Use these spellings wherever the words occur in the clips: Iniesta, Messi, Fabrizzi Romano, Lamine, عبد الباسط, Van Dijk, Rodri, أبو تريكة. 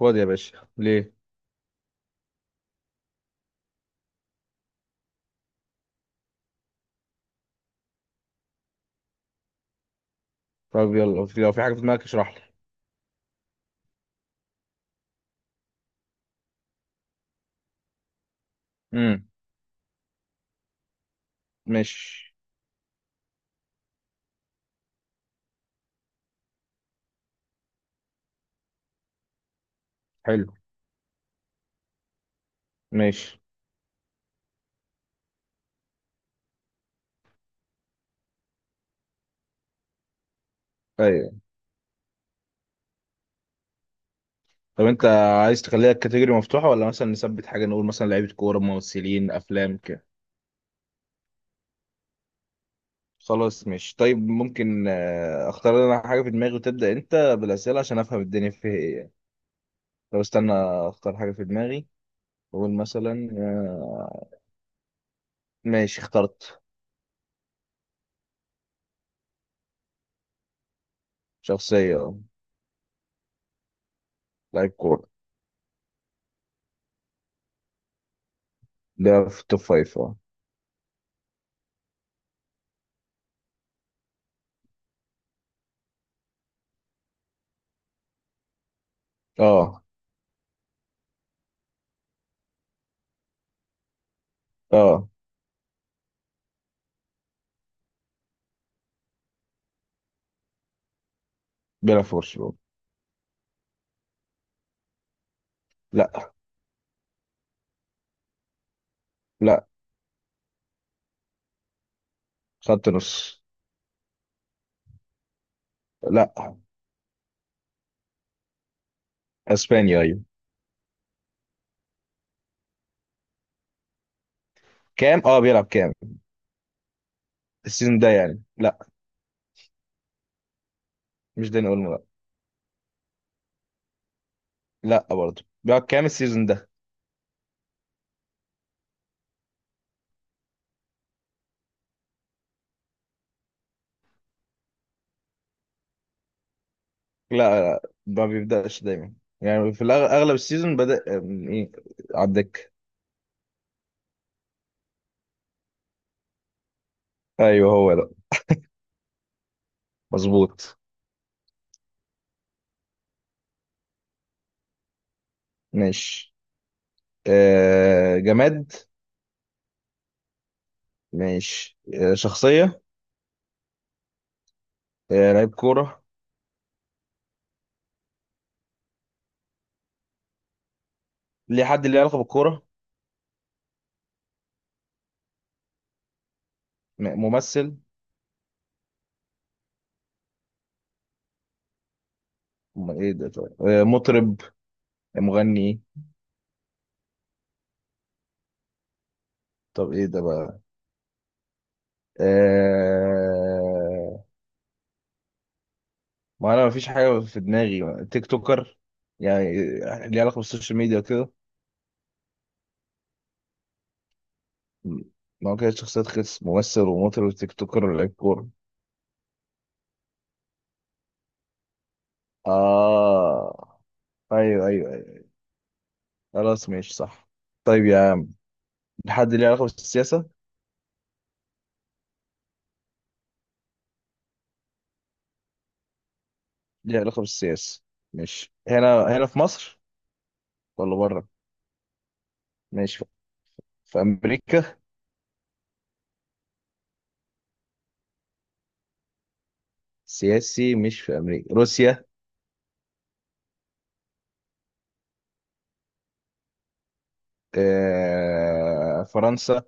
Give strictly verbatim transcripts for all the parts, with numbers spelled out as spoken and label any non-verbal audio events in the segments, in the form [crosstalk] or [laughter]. فاضي يا باشا، ليه؟ طب يلا، لو في لو في حاجه في دماغك اشرح لي. امم. ماشي. حلو. ماشي. ايوه. طب انت عايز تخليها الكاتيجوري مفتوحه، ولا مثلا نثبت حاجه، نقول مثلا لعيبه كوره، ممثلين، افلام كده؟ خلاص ماشي. طيب ممكن، آه، اختار انا حاجه في دماغي وتبدا انت بالاسئله عشان افهم الدنيا فيها ايه يعني. طب استنى، اختار حاجه في دماغي واقول مثلا آه، ماشي اخترت. شخصيه، آه، لعيب كوره. ده في التوب فايف، اه. اه. اه. بيلعب في برشلونه. لا. لا. خط نص. لا. اسبانيا، ايوه. كام؟ اه، بيلعب كام السيزون ده؟ يعني لا. مش داني اولمو، لا. لا برضه، بيلعب كام السيزون ده؟ لا، لا، ما بيبداش دايما، يعني في الأغ- اغلب السيزون بدا، أم، ايه، على الدكه. ايوه هو ده. مظبوط. ماشي. آه جماد؟ ماشي. آه شخصيه. آه لعيب كوره؟ ليه؟ حد ليه علاقه بالكوره؟ م- ممثل؟ م- ايه ده طيب؟ آه مطرب، مغني؟ طب ايه ده بقى؟ آه ما انا مفيش حاجه في دماغي. تيك توكر يعني؟ ليه علاقه بالسوشيال ميديا وكده؟ ما هو كده شخصيات، خس ممثل ومطرب وتيك توكر ولاعيب كوره. اه. ايوه، ايوه، ايوه. خلاص ماشي، صح. طيب يا عم، حد ليه علاقه بالسياسه؟ ليه علاقه بالسياسه؟ ماشي، هنا هنا في مصر؟ ولا بره؟ ماشي. في امريكا؟ سياسي مش في امريكا، روسيا؟ آه... فرنسا؟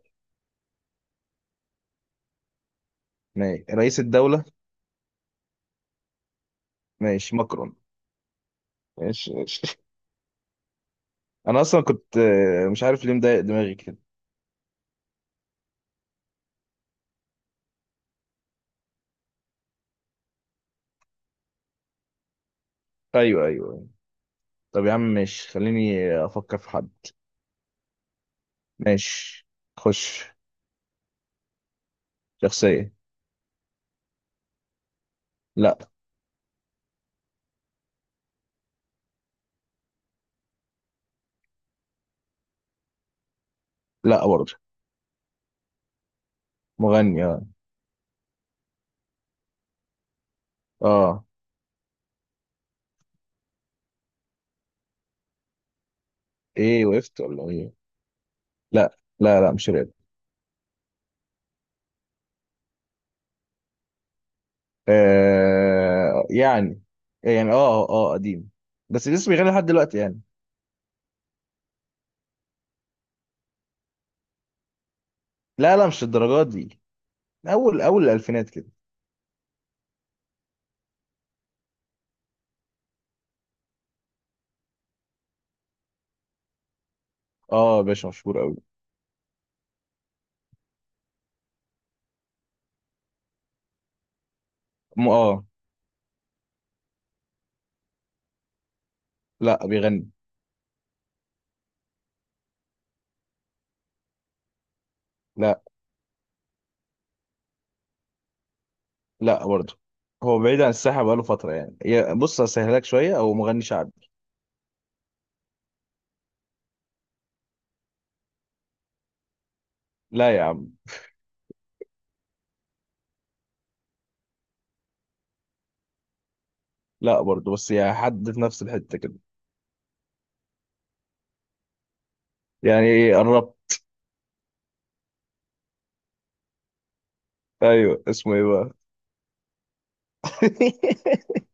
ماشي، رئيس الدوله؟ ماشي، ماكرون. ماشي، ماشي. انا اصلا كنت، آه، مش عارف ليه مضايق دماغي كده. ايوه، ايوه، أيوة. طب يا عم ماشي، خليني افكر في حد. ماشي. خش. شخصية. لا. لا برضه. مغني، اه. اه. ايه، وقفت ولا ايه؟ لا، لا، لا، مش راب. آه يعني، يعني، اه اه آه، قديم. بس لسه بيغني لحد دلوقتي يعني. لا، لا، مش الدرجات دي. اول اول الالفينات كده. اه يا باشا، مشهور قوي. م- اه. لا، بيغني. لا لا برضه. هو بعيد عن الساحة بقاله فترة يعني، يا- بص هسهلك شوية، هو مغني شعبي. لا يا عم. لا برضه، بس يا حد في نفس الحتة كده. يعني إيه؟ قربت. ايوه، اسمه ايه بقى؟ [laughs]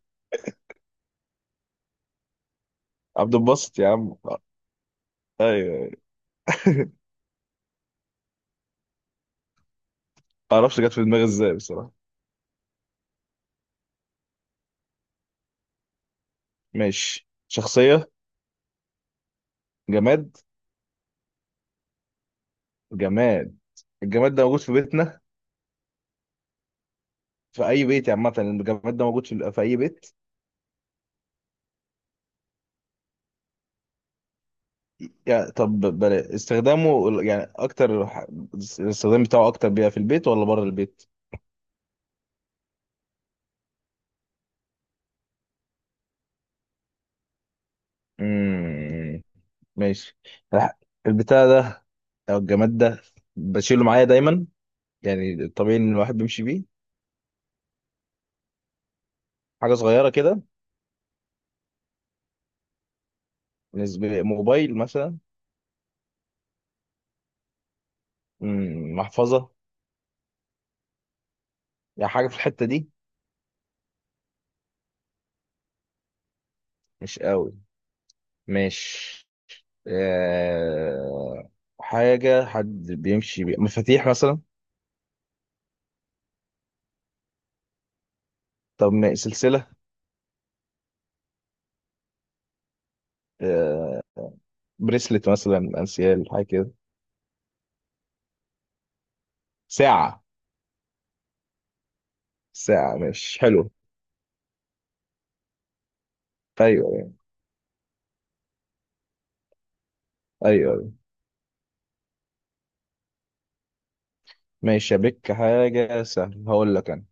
عبد الباسط يا عم. ايوه. [laughs] معرفش جت في دماغي ازاي بصراحة. ماشي، شخصية. جماد. جماد. الجماد ده موجود في بيتنا؟ في أي بيت يعني عامة؟ يعني الجماد ده موجود في, في أي بيت؟ يعني طب بلا استخدامه، يعني أكتر، ح- الاستخدام بتاعه أكتر بيبقى في البيت ولا بره البيت؟ امم. ماشي. الح- البتاع ده، او الجماد ده، بشيله معايا دايما؟ يعني طبيعي ان الواحد بيمشي بيه؟ حاجه صغيره كده؟ بالنسبه موبايل مثلا؟ امم محفظه؟ يعني حاجه في الحته دي؟ مش قوي؟ ماشي. آه... حاجه حد بيمشي بيه، مفاتيح مثلا؟ طب ما- سلسله؟ آه... بريسلت مثلا، انسيال، حاجه كده؟ ساعه؟ ساعه مش حلو. ايوه، ايوه. ماشي، بك حاجة سهلة هقول لك أنا.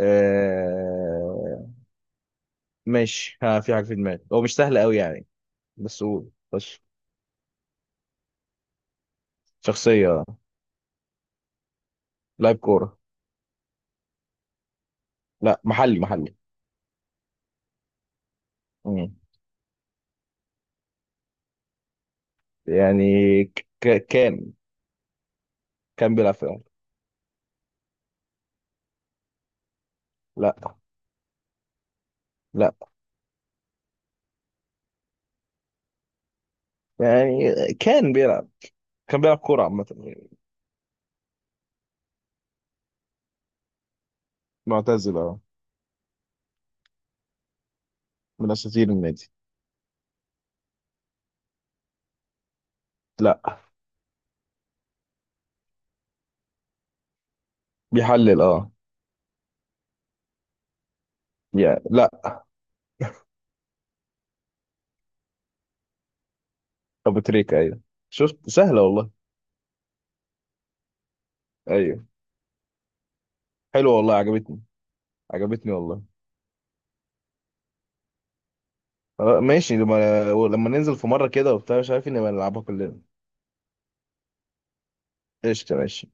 آه... ماشي ها، في حاجة في دماغي، هو مش سهل أوي يعني، بس قول بس. شخصية. لاعب كورة. لا، محلي محلي. مم. يعني ك... ك- كان، كان بيلعب في الأهلي. لا. لا يعني كان بيلعب كان بيلعب كورة عامة يعني. معتزل، اه. من أساطير النادي. لا. بيحلل، اه. يا لا. أبو تريكة، أيوه. شفت سهلة والله. أيوه. حلوة والله، عجبتني. عجبتني والله. آه، ماشي، لما لما ننزل في مرة كده وبتاع، مش عارف، إن نبقى نلعبها كلنا. قشطة ماشي.